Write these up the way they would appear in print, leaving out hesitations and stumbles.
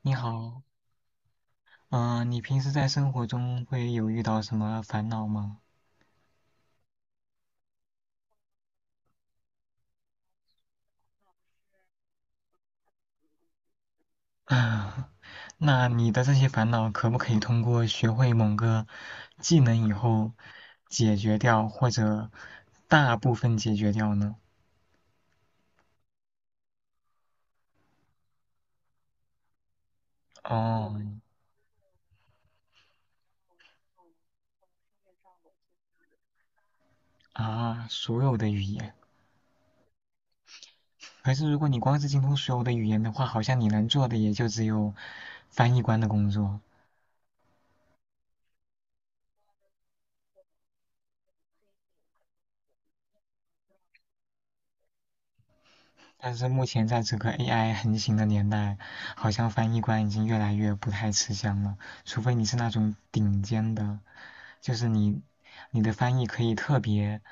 你好，嗯、你平时在生活中会有遇到什么烦恼吗？啊，那你的这些烦恼可不可以通过学会某个技能以后解决掉，或者大部分解决掉呢？哦，啊，所有的语言。可是如果你光是精通所有的语言的话，好像你能做的也就只有翻译官的工作。但是目前在这个 AI 横行的年代，好像翻译官已经越来越不太吃香了。除非你是那种顶尖的，就是你的翻译可以特别，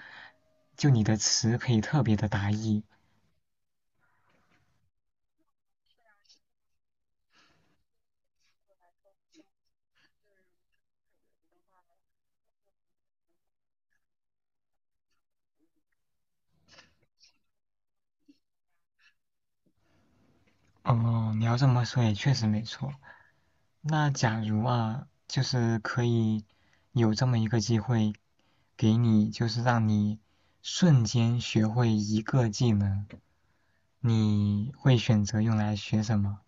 就你的词可以特别的达意。哦，你要这么说也确实没错。那假如啊，就是可以有这么一个机会给你，就是让你瞬间学会一个技能，你会选择用来学什么？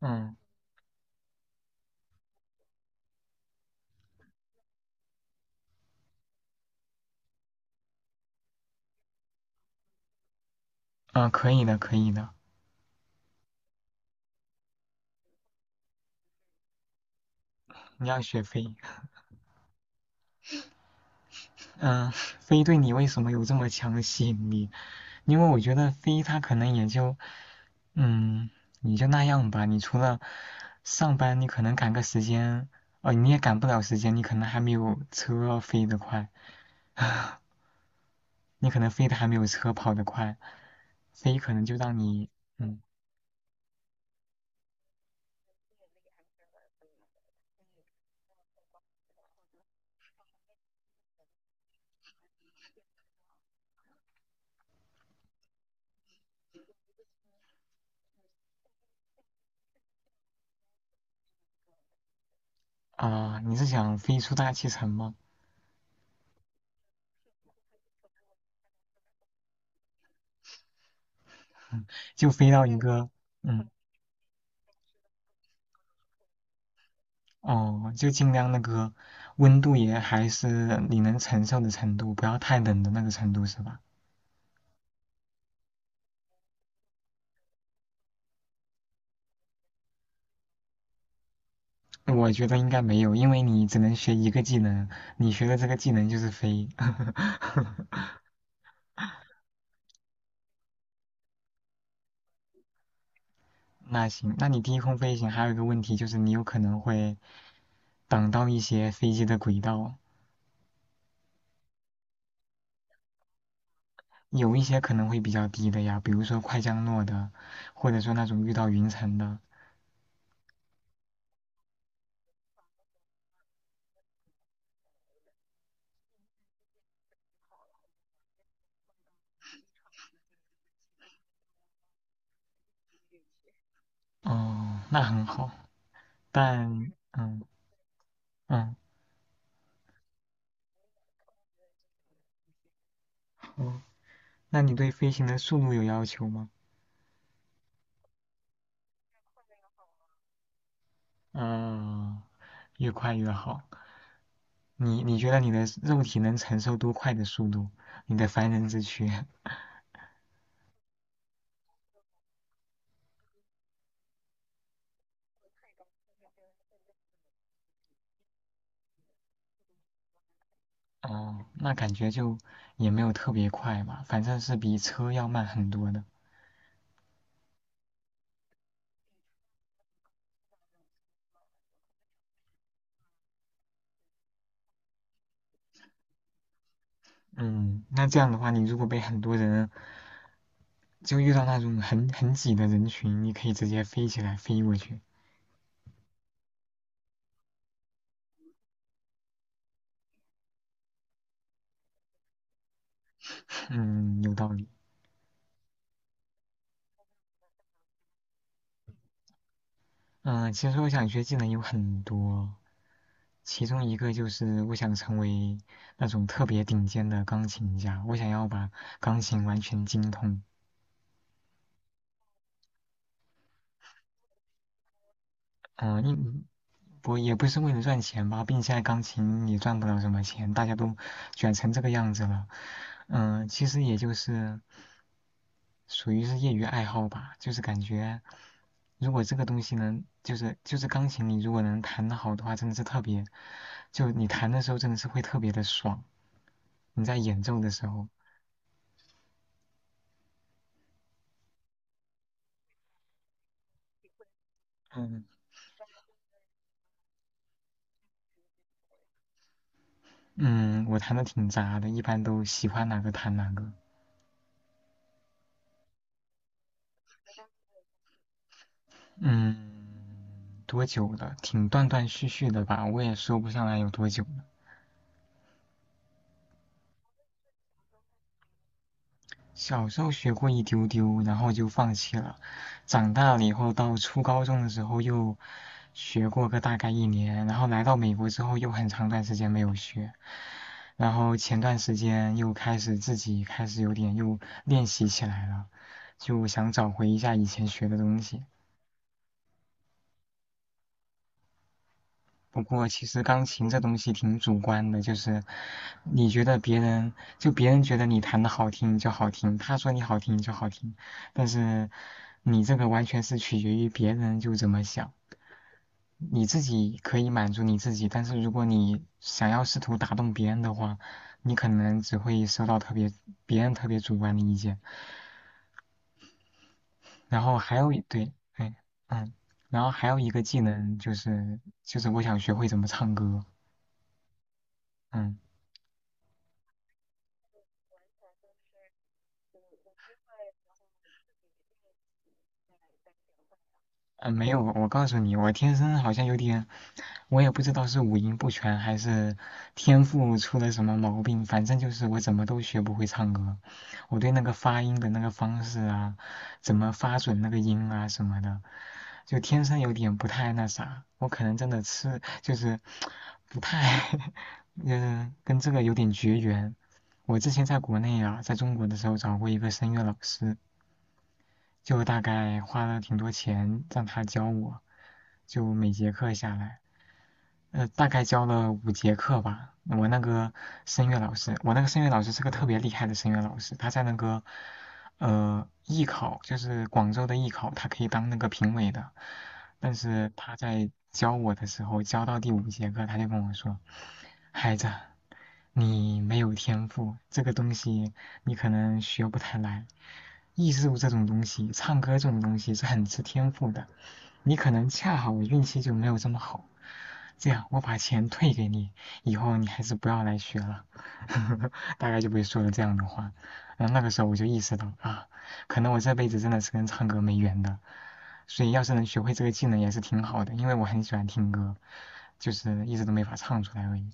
嗯。嗯，可以的，可以的。你要学飞，嗯，飞对你为什么有这么强的吸引力？因为我觉得飞它可能也就，嗯，你就那样吧。你除了上班，你可能赶个时间，哦，你也赶不了时间，你可能还没有车飞得快，你可能飞得还没有车跑得快。飞可能就让你，嗯，啊、你是想飞出大气层吗？就飞到一个，嗯，哦，就尽量那个温度也还是你能承受的程度，不要太冷的那个程度，是吧？我觉得应该没有，因为你只能学一个技能，你学的这个技能就是飞。那行，那你低空飞行还有一个问题就是你有可能会挡到一些飞机的轨道，有一些可能会比较低的呀，比如说快降落的，或者说那种遇到云层的。哦，那很好，但嗯嗯，哦，那你对飞行的速度有要求吗？嗯，越快越好。你觉得你的肉体能承受多快的速度？你的凡人之躯？哦，那感觉就也没有特别快吧，反正是比车要慢很多的。嗯，那这样的话，你如果被很多人就遇到那种很挤的人群，你可以直接飞起来飞过去。嗯，有道理。嗯，其实我想学技能有很多，其中一个就是我想成为那种特别顶尖的钢琴家，我想要把钢琴完全精通。嗯，因我也不是为了赚钱吧，并且现在钢琴也赚不了什么钱，大家都卷成这个样子了。嗯，其实也就是属于是业余爱好吧，就是感觉如果这个东西能，就是钢琴，你如果能弹得好的话，真的是特别，就你弹的时候真的是会特别的爽，你在演奏的时候。嗯。嗯，我弹的挺杂的，一般都喜欢哪个弹哪个。嗯，多久了？挺断断续续的吧，我也说不上来有多久了。小时候学过一丢丢，然后就放弃了。长大了以后，到初高中的时候又学过个大概一年，然后来到美国之后又很长段时间没有学。然后前段时间又开始自己开始有点又练习起来了，就想找回一下以前学的东西。不过其实钢琴这东西挺主观的，就是你觉得别人就别人觉得你弹的好听就好听，他说你好听就好听，但是你这个完全是取决于别人就怎么想。你自己可以满足你自己，但是如果你想要试图打动别人的话，你可能只会收到特别别人特别主观的意见。然后还有一对，哎，嗯，然后还有一个技能就是我想学会怎么唱歌，嗯。呃，没有，我告诉你，我天生好像有点，我也不知道是五音不全还是天赋出了什么毛病，反正就是我怎么都学不会唱歌。我对那个发音的那个方式啊，怎么发准那个音啊什么的，就天生有点不太那啥。我可能真的吃就是不太，嗯，跟这个有点绝缘。我之前在国内啊，在中国的时候找过一个声乐老师，就大概花了挺多钱让他教我，就每节课下来，大概教了五节课吧。我那个声乐老师，我那个声乐老师是个特别厉害的声乐老师，他在那个艺考，就是广州的艺考，他可以当那个评委的。但是他在教我的时候，教到第五节课，他就跟我说：“孩子，你没有天赋，这个东西你可能学不太来。”艺术这种东西，唱歌这种东西是很吃天赋的。你可能恰好我运气就没有这么好，这样我把钱退给你，以后你还是不要来学了。大概就不会说了这样的话。然后那个时候我就意识到啊，可能我这辈子真的是跟唱歌没缘的。所以要是能学会这个技能也是挺好的，因为我很喜欢听歌，就是一直都没法唱出来而已。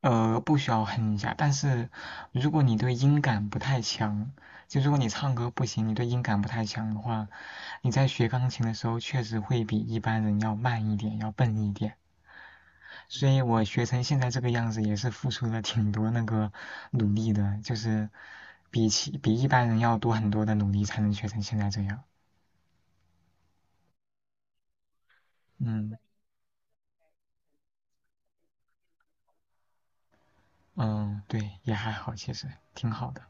呃，不需要哼一下，但是如果你对音感不太强，就如果你唱歌不行，你对音感不太强的话，你在学钢琴的时候确实会比一般人要慢一点，要笨一点。所以我学成现在这个样子，也是付出了挺多那个努力的，就是比起比一般人要多很多的努力才能学成现在这样。嗯嗯，对，也还好，其实挺好的，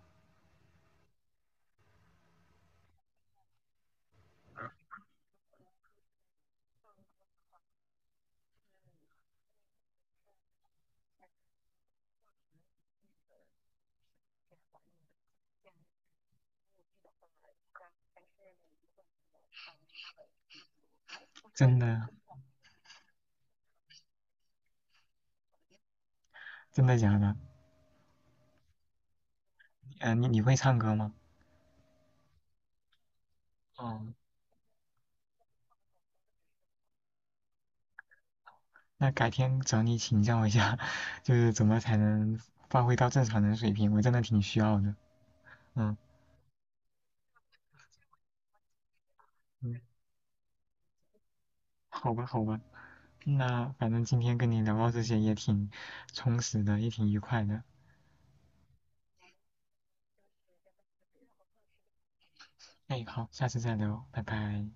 真的真的假的？呃，你会唱歌吗？哦那改天找你请教一下，就是怎么才能发挥到正常人水平，我真的挺需要的。嗯嗯，好吧好吧，那反正今天跟你聊到这些也挺充实的，也挺愉快的。哎，好，下次再聊，拜拜。